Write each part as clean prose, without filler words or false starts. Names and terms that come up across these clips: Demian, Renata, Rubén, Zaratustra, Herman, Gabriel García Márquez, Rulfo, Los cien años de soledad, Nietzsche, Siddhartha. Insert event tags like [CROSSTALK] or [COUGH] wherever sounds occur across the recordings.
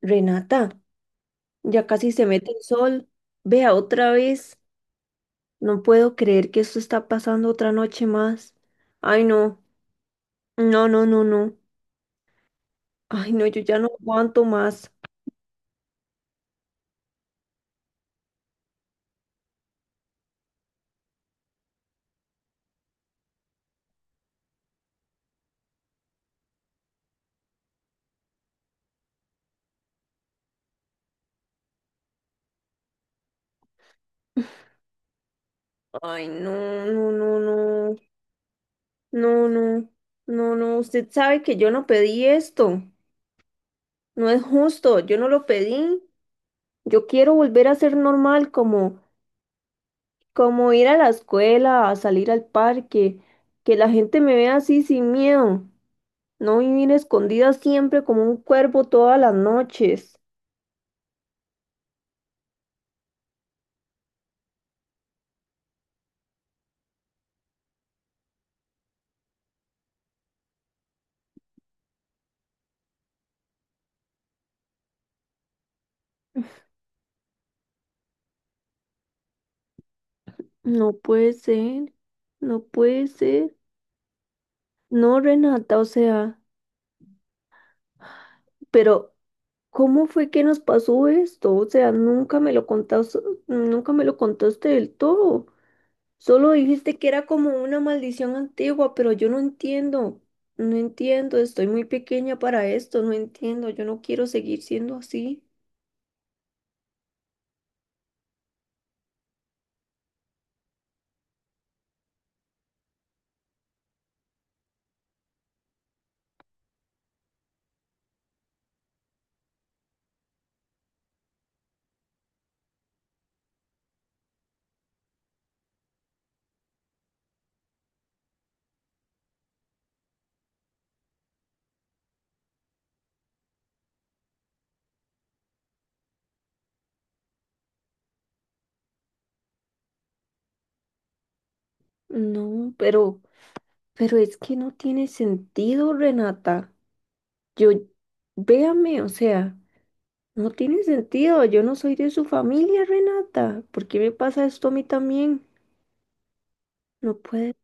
Renata, ya casi se mete el sol. Vea otra vez. No puedo creer que esto está pasando otra noche más. Ay, no. No, no, no, no. Ay, no, yo ya no aguanto más. Ay, no, no, no, no. No, no. No, no. Usted sabe que yo no pedí esto. No es justo. Yo no lo pedí. Yo quiero volver a ser normal, como, como ir a la escuela, a salir al parque, que la gente me vea así sin miedo. No vivir escondida siempre como un cuervo todas las noches. No puede ser, no puede ser. No, Renata, o sea, pero ¿cómo fue que nos pasó esto? O sea, nunca me lo contaste, nunca me lo contaste del todo. Solo dijiste que era como una maldición antigua, pero yo no entiendo. No entiendo, estoy muy pequeña para esto, no entiendo, yo no quiero seguir siendo así. No, pero es que no tiene sentido, Renata. Yo, véame, o sea, no tiene sentido. Yo no soy de su familia, Renata. ¿Por qué me pasa esto a mí también? No puede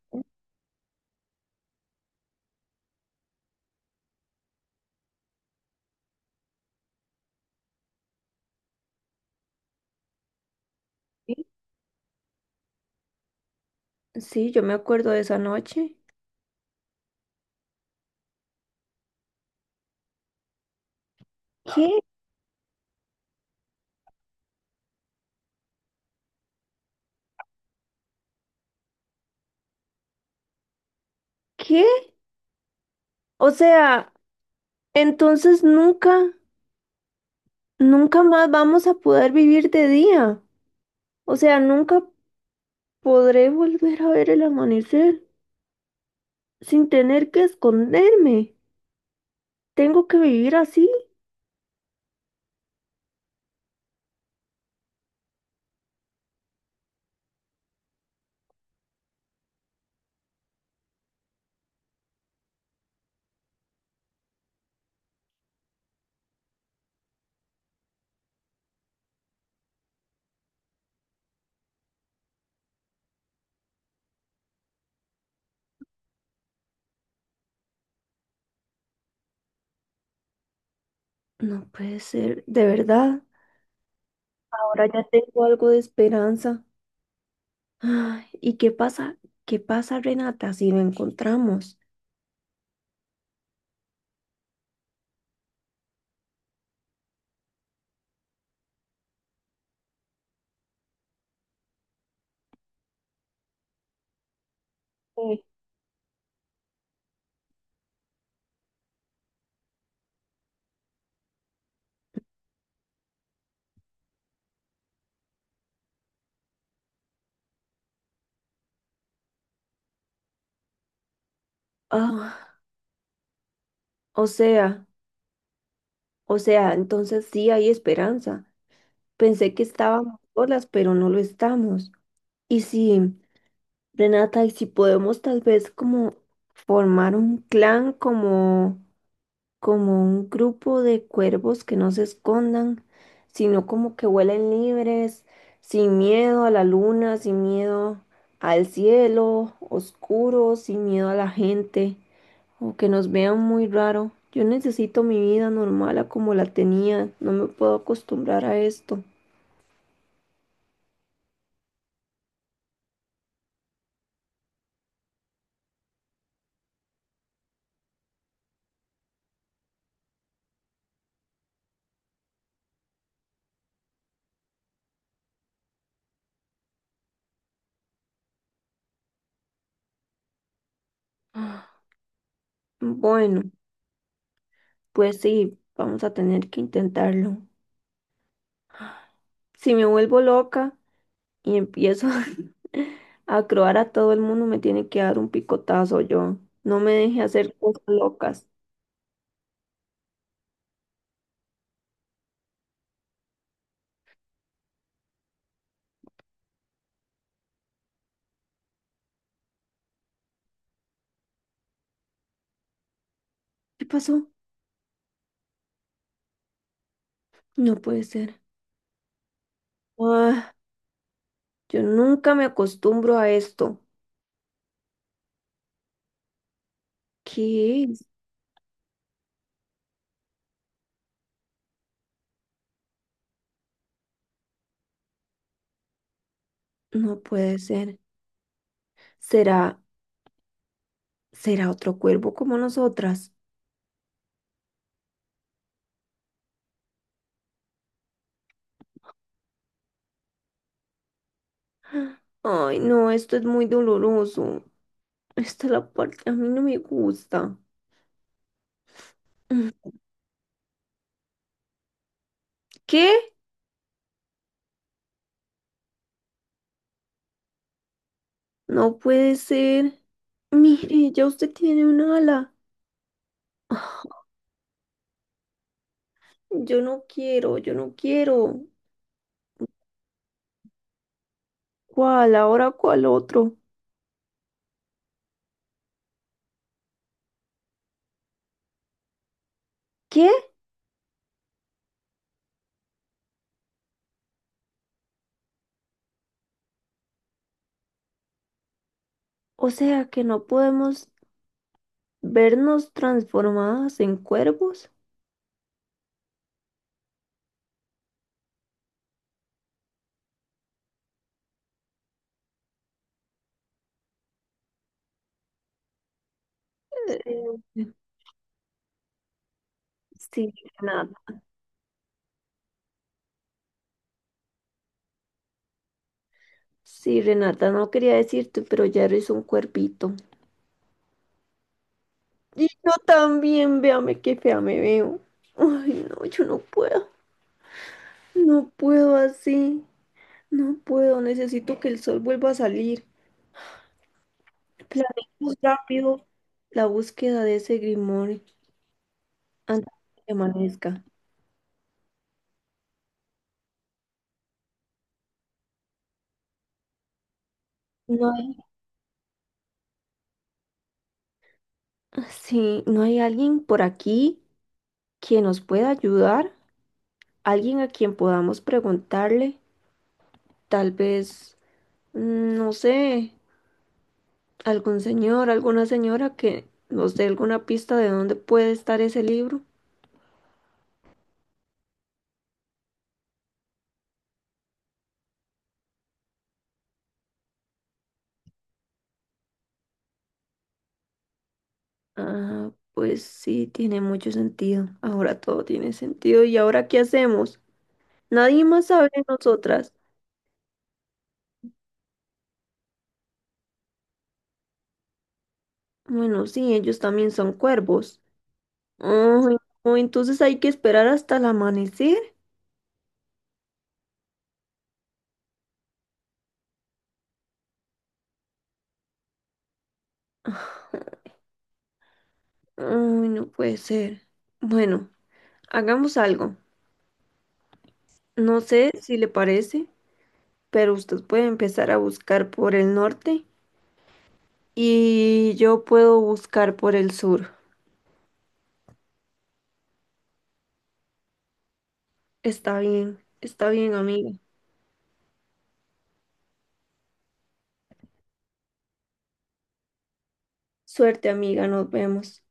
ser. Sí, yo me acuerdo de esa noche. ¿Qué? ¿Qué? O sea, entonces nunca, nunca más vamos a poder vivir de día. O sea, nunca podré volver a ver el amanecer sin tener que esconderme. ¿Tengo que vivir así? No puede ser, de verdad. Ahora ya tengo algo de esperanza. Ay, ¿y qué pasa? ¿Qué pasa, Renata, si no encontramos? Sí. Ah, o sea, o sea, entonces sí hay esperanza. Pensé que estábamos solas, pero no lo estamos. Y sí, Renata, y si podemos tal vez como formar un clan como como un grupo de cuervos que no se escondan, sino como que vuelen libres, sin miedo a la luna, sin miedo al cielo oscuro, sin miedo a la gente, o que nos vean muy raro. Yo necesito mi vida normal a como la tenía, no me puedo acostumbrar a esto. Bueno, pues sí, vamos a tener que intentarlo. Si me vuelvo loca, y empiezo [LAUGHS] a croar a todo el mundo, me tiene que dar un picotazo yo. No me deje hacer cosas locas. ¿Qué pasó? No puede ser. Ah, yo nunca me acostumbro a esto. ¿Qué es? No puede ser. ¿Será, será otro cuervo como nosotras? [GASPS] Ay, no, esto es muy doloroso. Esta es la parte que a mí no me gusta. Mm. ¿Qué? No puede ser. Mire, ya usted tiene un ala. Yo no quiero, yo no quiero. ¿Cuál? ¿Ahora cuál otro? ¿Qué? O sea, que no podemos vernos transformadas en cuervos. Eh, Sí, Renata. Sí, Renata, no quería decirte, pero ya eres un cuervito. Y yo también, véame qué fea me veo. Ay, no, yo no puedo. No puedo así. No puedo. Necesito que el sol vuelva a salir. Planeemos rápido la búsqueda de ese grimorio, antes de que amanezca. No hay, ah, sí, no hay alguien por aquí que nos pueda ayudar, alguien a quien podamos preguntarle, tal vez, no sé, algún señor, alguna señora que nos dé alguna pista de dónde puede estar ese libro. Ah, pues sí, tiene mucho sentido. Ahora todo tiene sentido. ¿Y ahora qué hacemos? Nadie más sabe de nosotras. Bueno, sí, ellos también son cuervos. Ay, no, entonces hay que esperar hasta el amanecer. Ay, no puede ser. Bueno, hagamos algo. No sé si le parece, pero usted puede empezar a buscar por el norte y yo puedo buscar por el sur. Está bien, amiga. Suerte, amiga, nos vemos.